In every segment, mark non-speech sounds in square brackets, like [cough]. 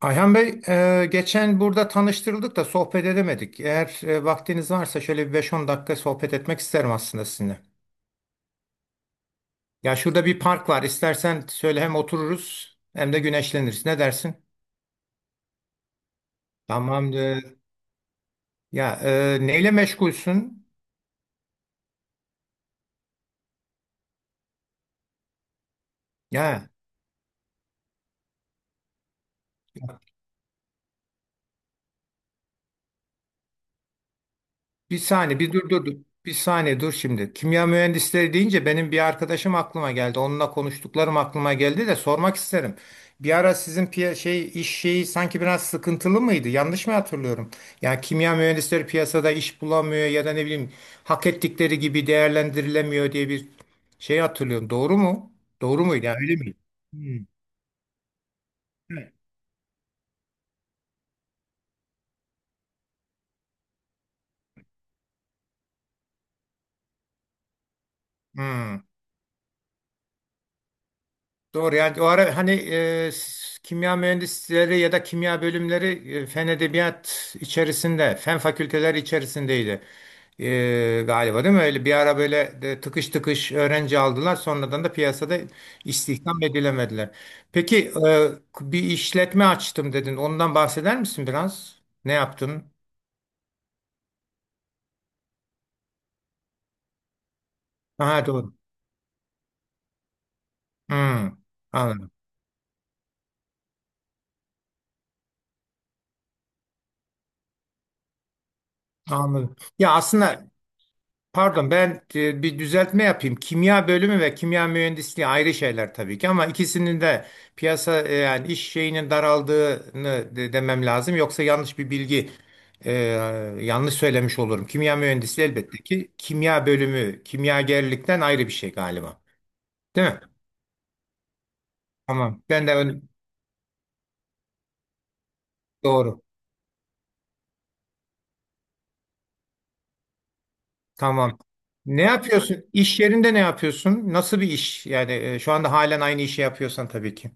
Ayhan Bey, geçen burada tanıştırıldık da sohbet edemedik. Eğer vaktiniz varsa şöyle bir 5-10 dakika sohbet etmek isterim aslında sizinle. Ya şurada bir park var. İstersen söyle hem otururuz hem de güneşleniriz. Ne dersin? Tamam. Ya, neyle meşgulsün? Ya, bir saniye, bir dur dur dur. Bir saniye dur şimdi. Kimya mühendisleri deyince benim bir arkadaşım aklıma geldi. Onunla konuştuklarım aklıma geldi de sormak isterim. Bir ara sizin şey iş şeyi sanki biraz sıkıntılı mıydı? Yanlış mı hatırlıyorum? Yani kimya mühendisleri piyasada iş bulamıyor ya da ne bileyim hak ettikleri gibi değerlendirilemiyor diye bir şey hatırlıyorum. Doğru mu? Doğru muydu? Yani öyle miydi? Hmm. Hmm. Doğru, yani o ara hani kimya mühendisleri ya da kimya bölümleri fen edebiyat içerisinde, fen fakülteleri içerisindeydi. Galiba değil mi? Öyle bir ara böyle de tıkış tıkış öğrenci aldılar. Sonradan da piyasada istihdam edilemediler. Peki bir işletme açtım dedin. Ondan bahseder misin biraz? Ne yaptın? Ha, doğru. Hmm, anladım. Anladım. Ya aslında, pardon, ben bir düzeltme yapayım. Kimya bölümü ve kimya mühendisliği ayrı şeyler tabii ki, ama ikisinin de piyasa, yani iş şeyinin daraldığını demem lazım. Yoksa yanlış bir bilgi, e, yanlış söylemiş olurum. Kimya mühendisliği elbette ki kimya bölümü kimyagerlikten ayrı bir şey galiba. Değil mi? Tamam. Ben de doğru. Tamam. Ne yapıyorsun? İş yerinde ne yapıyorsun? Nasıl bir iş? Yani şu anda halen aynı işi yapıyorsan tabii ki.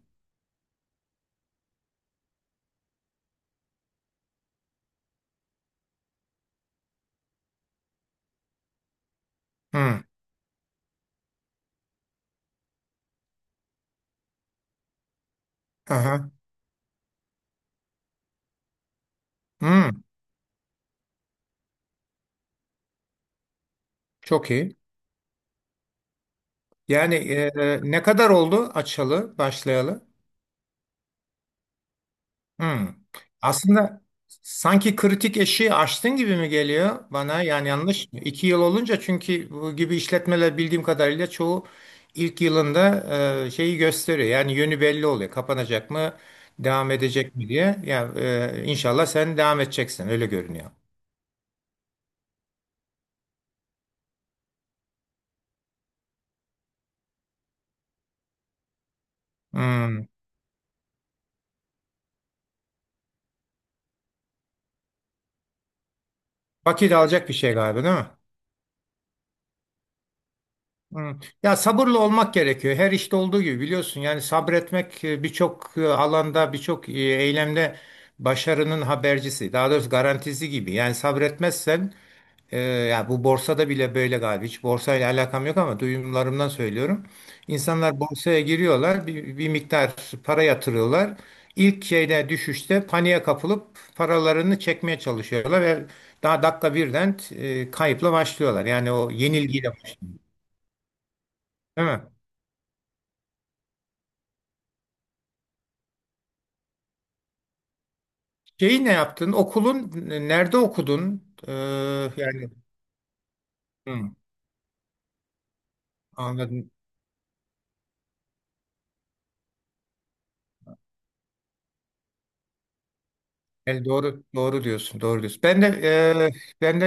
Hı. Aha. Hı. Çok iyi. Yani ne kadar oldu açalı, başlayalı? Hmm. Aslında sanki kritik eşiği aştın gibi mi geliyor bana? Yani yanlış mı? İki yıl olunca, çünkü bu gibi işletmeler bildiğim kadarıyla çoğu ilk yılında şeyi gösteriyor. Yani yönü belli oluyor. Kapanacak mı, devam edecek mi diye. Ya, inşallah sen devam edeceksin. Öyle görünüyor. Hmm. Vakit alacak bir şey galiba, değil mi? Hı. Ya, sabırlı olmak gerekiyor. Her işte olduğu gibi biliyorsun. Yani sabretmek birçok alanda, birçok eylemde başarının habercisi. Daha doğrusu garantisi gibi. Yani sabretmezsen, ya bu borsada bile böyle galiba. Hiç borsayla alakam yok ama duyumlarımdan söylüyorum. İnsanlar borsaya giriyorlar, bir miktar para yatırıyorlar. İlk şeyde, düşüşte paniğe kapılıp paralarını çekmeye çalışıyorlar ve daha dakika birden kayıpla başlıyorlar. Yani o yenilgiyle başlıyor, değil mi? Şeyi ne yaptın? Okulun nerede okudun? Ee, Yani, hı, anladım. Yani doğru, doğru diyorsun. Doğru diyorsun. Ben de e, ben de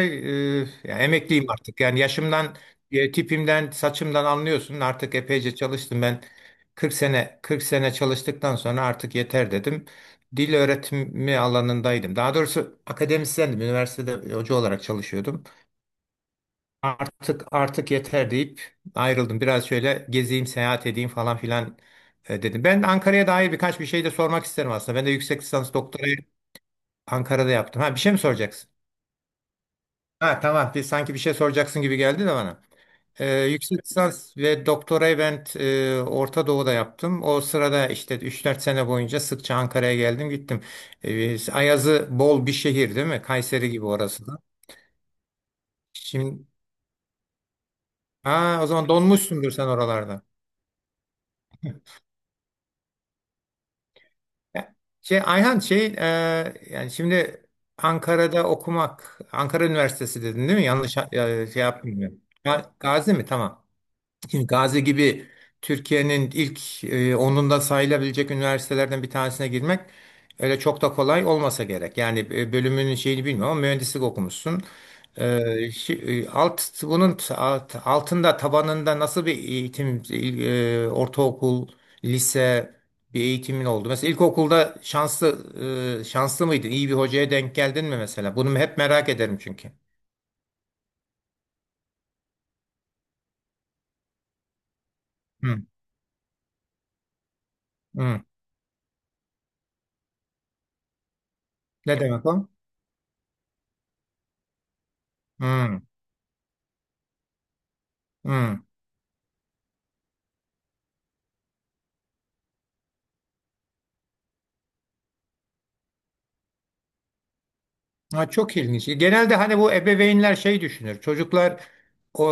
ya, emekliyim artık. Yani yaşımdan, tipimden, saçımdan anlıyorsun. Artık epeyce çalıştım ben. 40 sene, 40 sene çalıştıktan sonra artık yeter dedim. Dil öğretimi alanındaydım. Daha doğrusu akademisyendim. Üniversitede hoca olarak çalışıyordum. Artık, artık yeter deyip ayrıldım. Biraz şöyle gezeyim, seyahat edeyim falan filan, dedim. Ben Ankara'ya dair birkaç bir şey de sormak isterim aslında. Ben de yüksek lisans doktorayı Ankara'da yaptım. Ha, bir şey mi soracaksın? Ha, tamam. Sanki bir şey soracaksın gibi geldi de bana. Yüksek lisans ve doktorayı ben Orta Doğu'da yaptım. O sırada işte 3-4 sene boyunca sıkça Ankara'ya geldim gittim. Ayazı bol bir şehir değil mi? Kayseri gibi orası da. Şimdi, ha, o zaman donmuşsundur sen oralarda. Ya, Ayhan, yani şimdi Ankara'da okumak, Ankara Üniversitesi dedin değil mi? Yanlış şey yapmıyorum. Gazi mi? Tamam. Şimdi Gazi gibi Türkiye'nin ilk onunda sayılabilecek üniversitelerden bir tanesine girmek öyle çok da kolay olmasa gerek. Yani bölümünün şeyini bilmiyorum ama mühendislik okumuşsun. E, bunun altında, tabanında nasıl bir eğitim, ortaokul, lise bir eğitimin oldu? Mesela ilkokulda şanslı mıydın? İyi bir hocaya denk geldin mi mesela? Bunu hep merak ederim çünkü. Hı, hı. Ne demek o? Hı, hı. Ha, çok ilginç. Genelde hani bu ebeveynler şey düşünür. Çocuklar, o,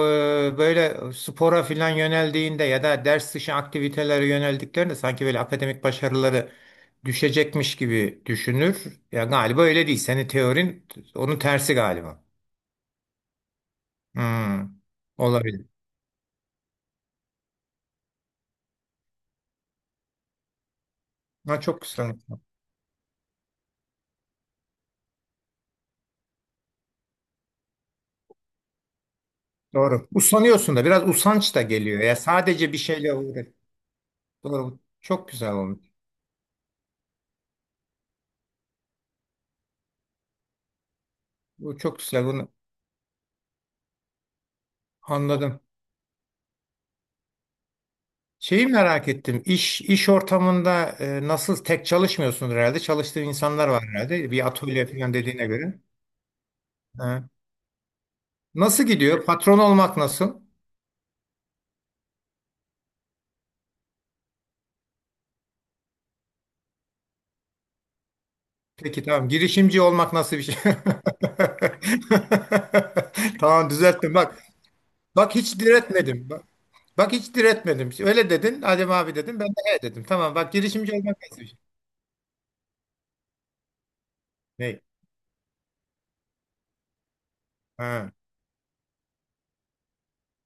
böyle spora filan yöneldiğinde ya da ders dışı aktivitelere yöneldiklerinde sanki böyle akademik başarıları düşecekmiş gibi düşünür. Ya galiba öyle değil. Senin teorin onun tersi galiba. Hmm, olabilir. Ha, çok güzel. Doğru. Usanıyorsun da, biraz usanç da geliyor. Ya sadece bir şeyle uğraş. Doğru. Çok güzel olmuş. Bu çok güzel. Bunu anladım. Şeyi merak ettim. İş ortamında nasıl, tek çalışmıyorsun herhalde? Çalıştığın insanlar var herhalde. Bir atölye falan dediğine göre. Ha. Nasıl gidiyor? Patron olmak nasıl? Peki, tamam. Girişimci olmak nasıl bir şey? [laughs] Tamam, düzelttim. Bak, bak hiç diretmedim. Bak, bak hiç diretmedim. Öyle dedin. Adem abi dedim. Ben de he dedim. Tamam, bak, girişimci olmak nasıl bir şey? Ne? Ha,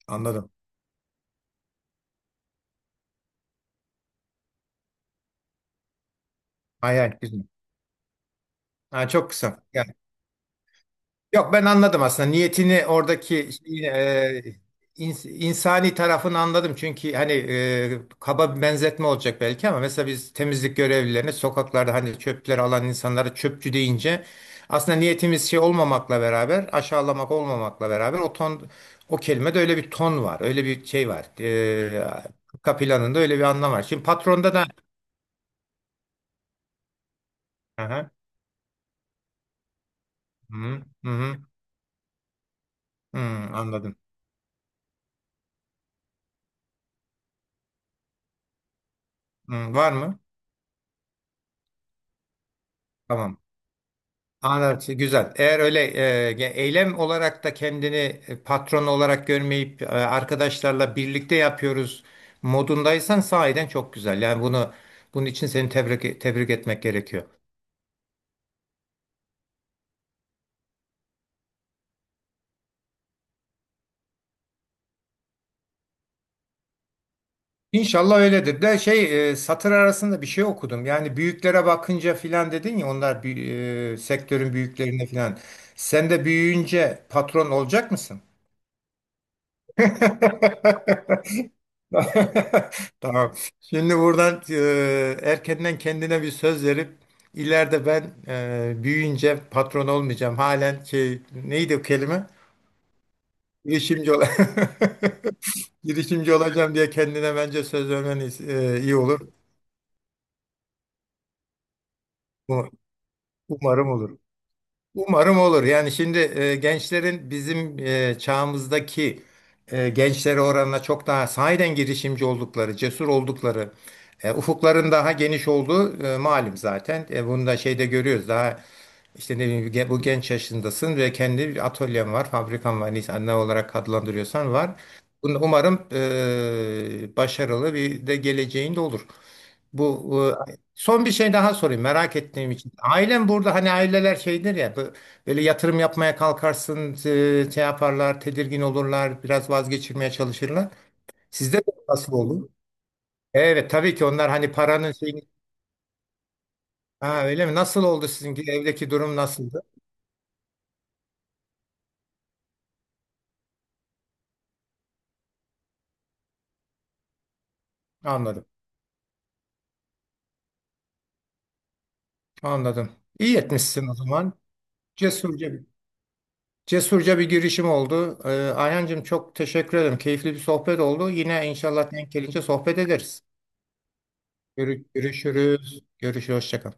anladım. Hay hay, güzel. Ha, çok kısa. Yok, ben anladım aslında niyetini, oradaki şeyi, insani tarafını anladım. Çünkü hani kaba bir benzetme olacak belki ama mesela biz temizlik görevlilerine, sokaklarda hani çöpleri alan insanlara çöpçü deyince aslında niyetimiz şey olmamakla beraber, aşağılamak olmamakla beraber, o ton, o kelimede öyle bir ton var. Öyle bir şey var. Arka planında öyle bir anlam var. Şimdi patronda da Aha, hı, hı, hı, hı, anladım. Hı, var mı? Tamam. Anladım. Güzel. Eğer öyle, eylem olarak da kendini patron olarak görmeyip, arkadaşlarla birlikte yapıyoruz modundaysan, sahiden çok güzel. Yani bunun için seni tebrik etmek gerekiyor. İnşallah öyledir. De, satır arasında bir şey okudum. Yani büyüklere bakınca filan dedin ya, onlar sektörün büyüklerine filan. Sen de büyüyünce patron olacak mısın? [laughs] [laughs] Tamam. Şimdi buradan erkenden kendine bir söz verip ileride ben büyüyünce patron olmayacağım. Halen şey, neydi o kelime? Girişimci ol [laughs] girişimci olacağım diye kendine bence söz vermen iyi olur. Umarım olur. Umarım olur. Yani şimdi gençlerin bizim çağımızdaki gençlere oranla çok daha sahiden girişimci oldukları, cesur oldukları, ufukların daha geniş olduğu malum zaten. Bunu da şeyde görüyoruz. Daha işte ne bileyim, bu genç yaşındasın ve kendi bir atölyen var, fabrikan var. Neyse, ne olarak adlandırıyorsan var. Bunu umarım başarılı bir de geleceğin de olur. Bu e, Son bir şey daha sorayım merak ettiğim için. Ailem burada, hani aileler şeydir ya, böyle yatırım yapmaya kalkarsın, şey yaparlar, tedirgin olurlar, biraz vazgeçirmeye çalışırlar. Sizde de nasıl oldu? Evet, tabii ki onlar hani paranın şeyini, ha, öyle mi? Nasıl oldu sizinki, evdeki durum nasıldı? Anladım, anladım. İyi etmişsin o zaman. Cesurca bir, cesurca bir girişim oldu. Ayhancığım, çok teşekkür ederim. Keyifli bir sohbet oldu. Yine inşallah denk gelince sohbet ederiz. Görüşürüz. Görüşürüz. Hoşça kal.